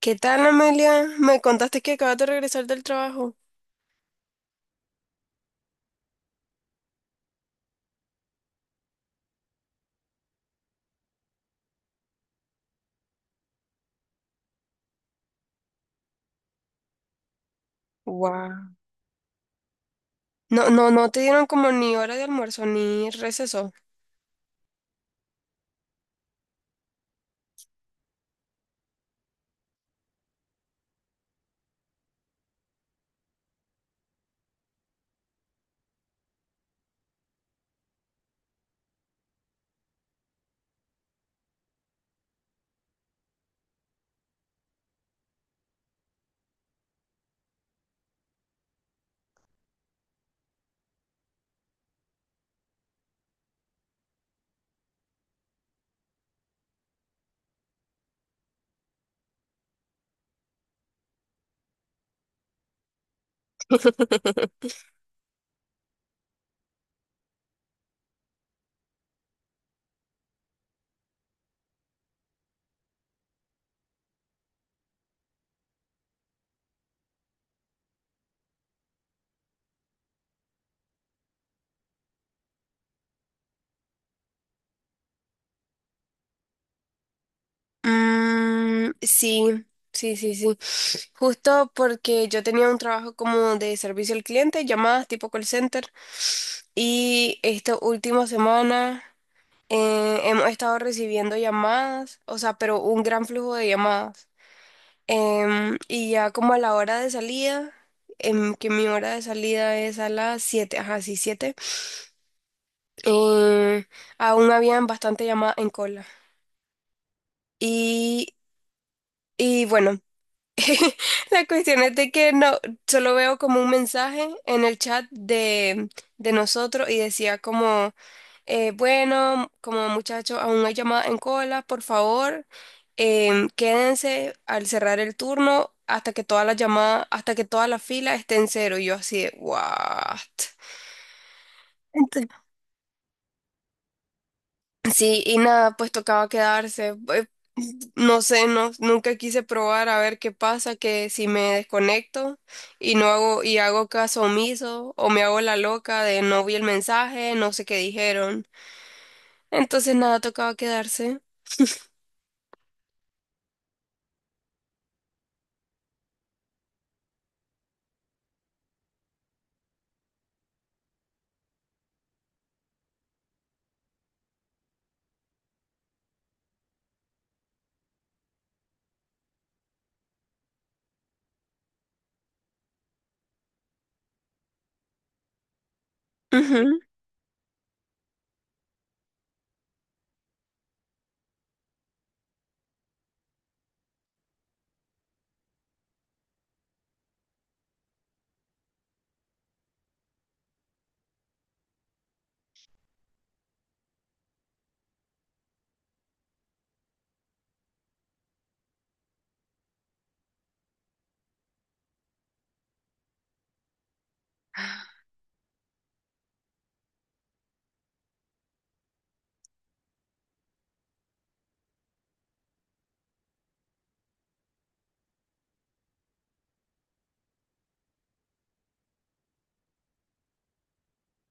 ¿Qué tal, Amelia? Me contaste que acabas de regresar del trabajo. Wow. No, no, no te dieron como ni hora de almuerzo ni receso. Mm, sí, sí, sí, sí. Justo porque yo tenía un trabajo como de servicio al cliente, llamadas tipo call center. Y esta última semana hemos estado recibiendo llamadas, o sea, pero un gran flujo de llamadas. Y ya como a la hora de salida, que mi hora de salida es a las siete, ajá, sí, siete, eh, aún habían bastante llamada en cola. Y, y bueno, la cuestión es de que no, solo veo como un mensaje en el chat de nosotros y decía como, bueno, como muchachos, aún no hay llamadas en cola, por favor, quédense al cerrar el turno hasta que todas las llamadas, hasta que toda la fila esté en cero. Y yo así de, "¿What?". Sí, y nada, pues tocaba quedarse. No sé, no, nunca quise probar a ver qué pasa, que si me desconecto y no hago, y hago caso omiso, o me hago la loca de no vi el mensaje, no sé qué dijeron. Entonces nada, tocaba quedarse. Ujú.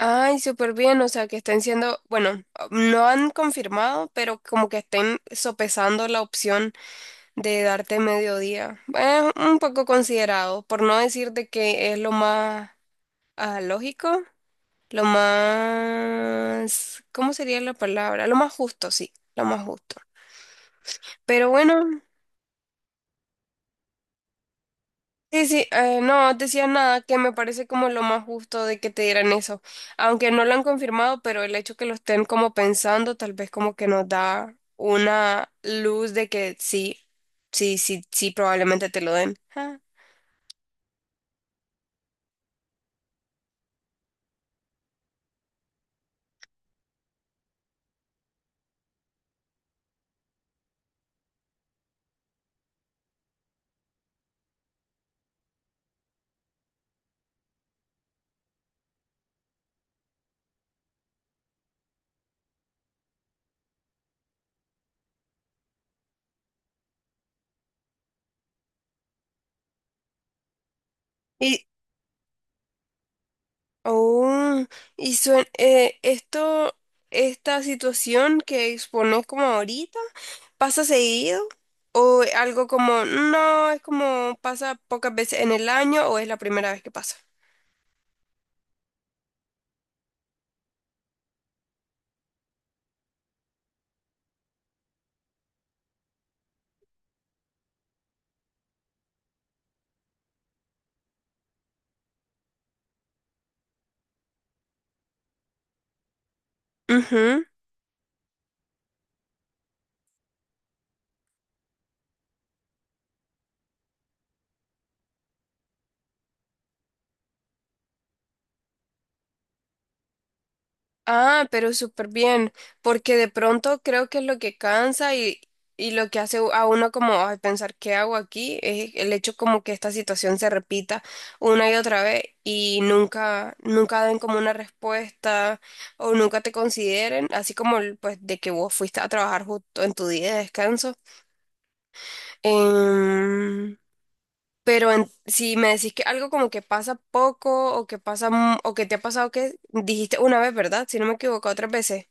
Ay, súper bien, o sea que estén siendo, bueno, no han confirmado, pero como que estén sopesando la opción de darte mediodía. Es un poco considerado, por no decir de que es lo más. Ah, lógico, lo más, ¿cómo sería la palabra? Lo más justo, sí, lo más justo. Pero bueno, sí, sí, no decía nada que me parece como lo más justo de que te dieran eso, aunque no lo han confirmado, pero el hecho que lo estén como pensando, tal vez como que nos da una luz de que sí, sí, sí, sí, probablemente te lo den. Ah. Y, Oh, y esta situación que expones como ahorita, ¿pasa seguido? ¿O algo como, no, es como pasa pocas veces en el año o es la primera vez que pasa? Ah, pero súper bien, porque de pronto creo que es lo que cansa y lo que hace a uno como, "Ay, pensar qué hago aquí". Es el hecho como que esta situación se repita una y otra vez y nunca, nunca den como una respuesta o nunca te consideren, así como el, pues de que vos fuiste a trabajar justo en tu día de descanso. Em, pero si me decís que algo como que pasa poco o que pasa, o que te ha pasado que dijiste una vez, ¿verdad? Si no me equivoco, otras veces.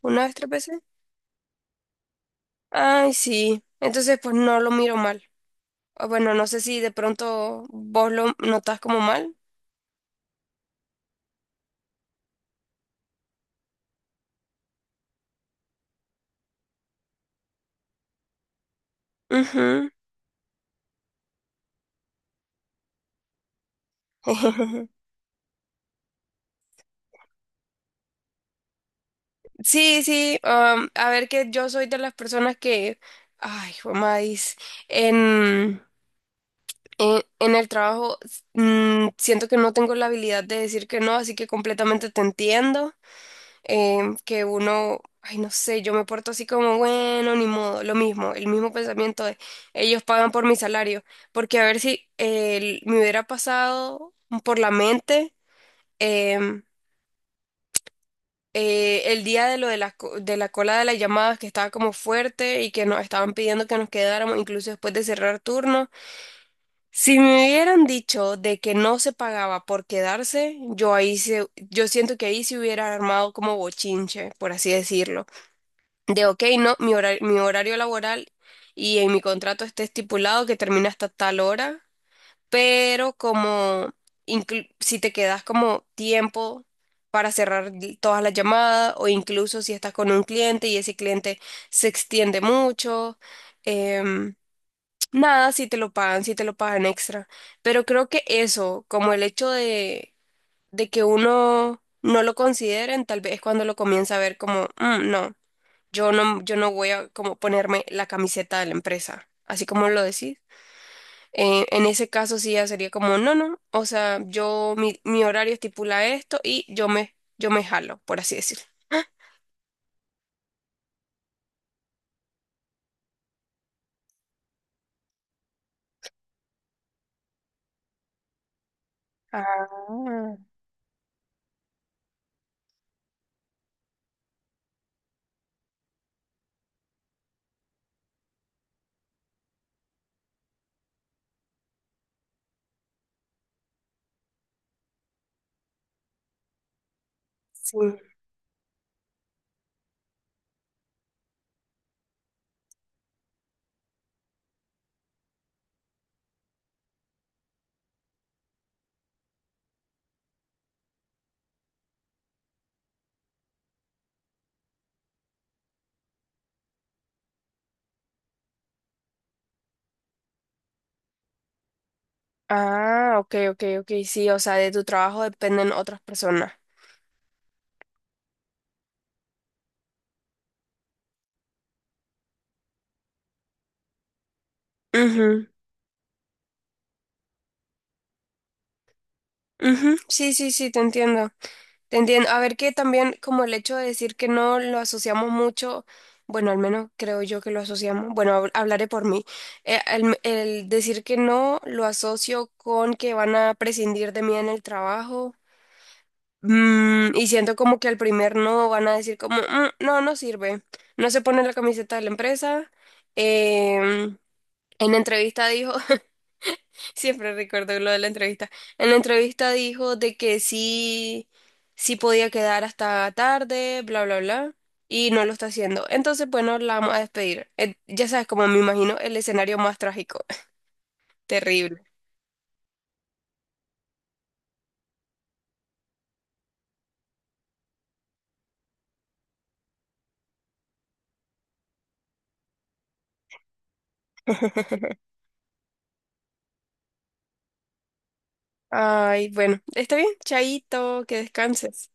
¿Una vez, tres veces? Ay, sí. Entonces, pues no lo miro mal. O bueno, no sé si de pronto vos lo notas como mal. Ujú. Sí, sí. A ver, que yo soy de las personas que, ay, mamá, en el trabajo siento que no tengo la habilidad de decir que no, así que completamente te entiendo. Que uno, ay, no sé, yo me porto así como, bueno, ni modo, lo mismo, el mismo pensamiento de ellos pagan por mi salario, porque a ver si me hubiera pasado por la mente, em, el día de lo de la cola de las llamadas que estaba como fuerte y que nos estaban pidiendo que nos quedáramos, incluso después de cerrar turno. Si me hubieran dicho de que no se pagaba por quedarse, yo ahí se, yo siento que ahí se hubiera armado como bochinche, por así decirlo. De, ok, no, mi horario laboral, y en mi contrato está estipulado que termina hasta tal hora, pero como si te quedas como tiempo para cerrar todas las llamadas, o incluso si estás con un cliente y ese cliente se extiende mucho, em, nada, si te lo pagan, si te lo pagan extra. Pero creo que eso, como el hecho de, que uno no lo consideren, tal vez es cuando lo comienza a ver como, "Mm, no. Yo no, voy a como ponerme la camiseta de la empresa, así como lo decís. En ese caso sí ya sería como, no, no, o sea, yo, mi horario estipula esto y yo me jalo, por así decirlo". Ah, ah, ok, ok, ok, sí, o sea, de tu trabajo dependen otras personas. Ujú, ujú, sí, sí, sí, te entiendo. Te entiendo. A ver, que también como el hecho de decir que no lo asociamos mucho, bueno, al menos creo yo que lo asociamos, bueno, hablaré por mí. El decir que no lo asocio con que van a prescindir de mí en el trabajo, y siento como que al primer no van a decir como, "Mm, no, no sirve, no se pone la camiseta de la empresa, em, en entrevista dijo". Siempre recuerdo lo de la entrevista. En la entrevista dijo de que sí, sí podía quedar hasta tarde, bla, bla, bla, y no lo está haciendo. Entonces, bueno, la vamos a despedir. Ya sabes, como me imagino, el escenario más trágico. Terrible. Ay, bueno, está bien, chaito, que descanses.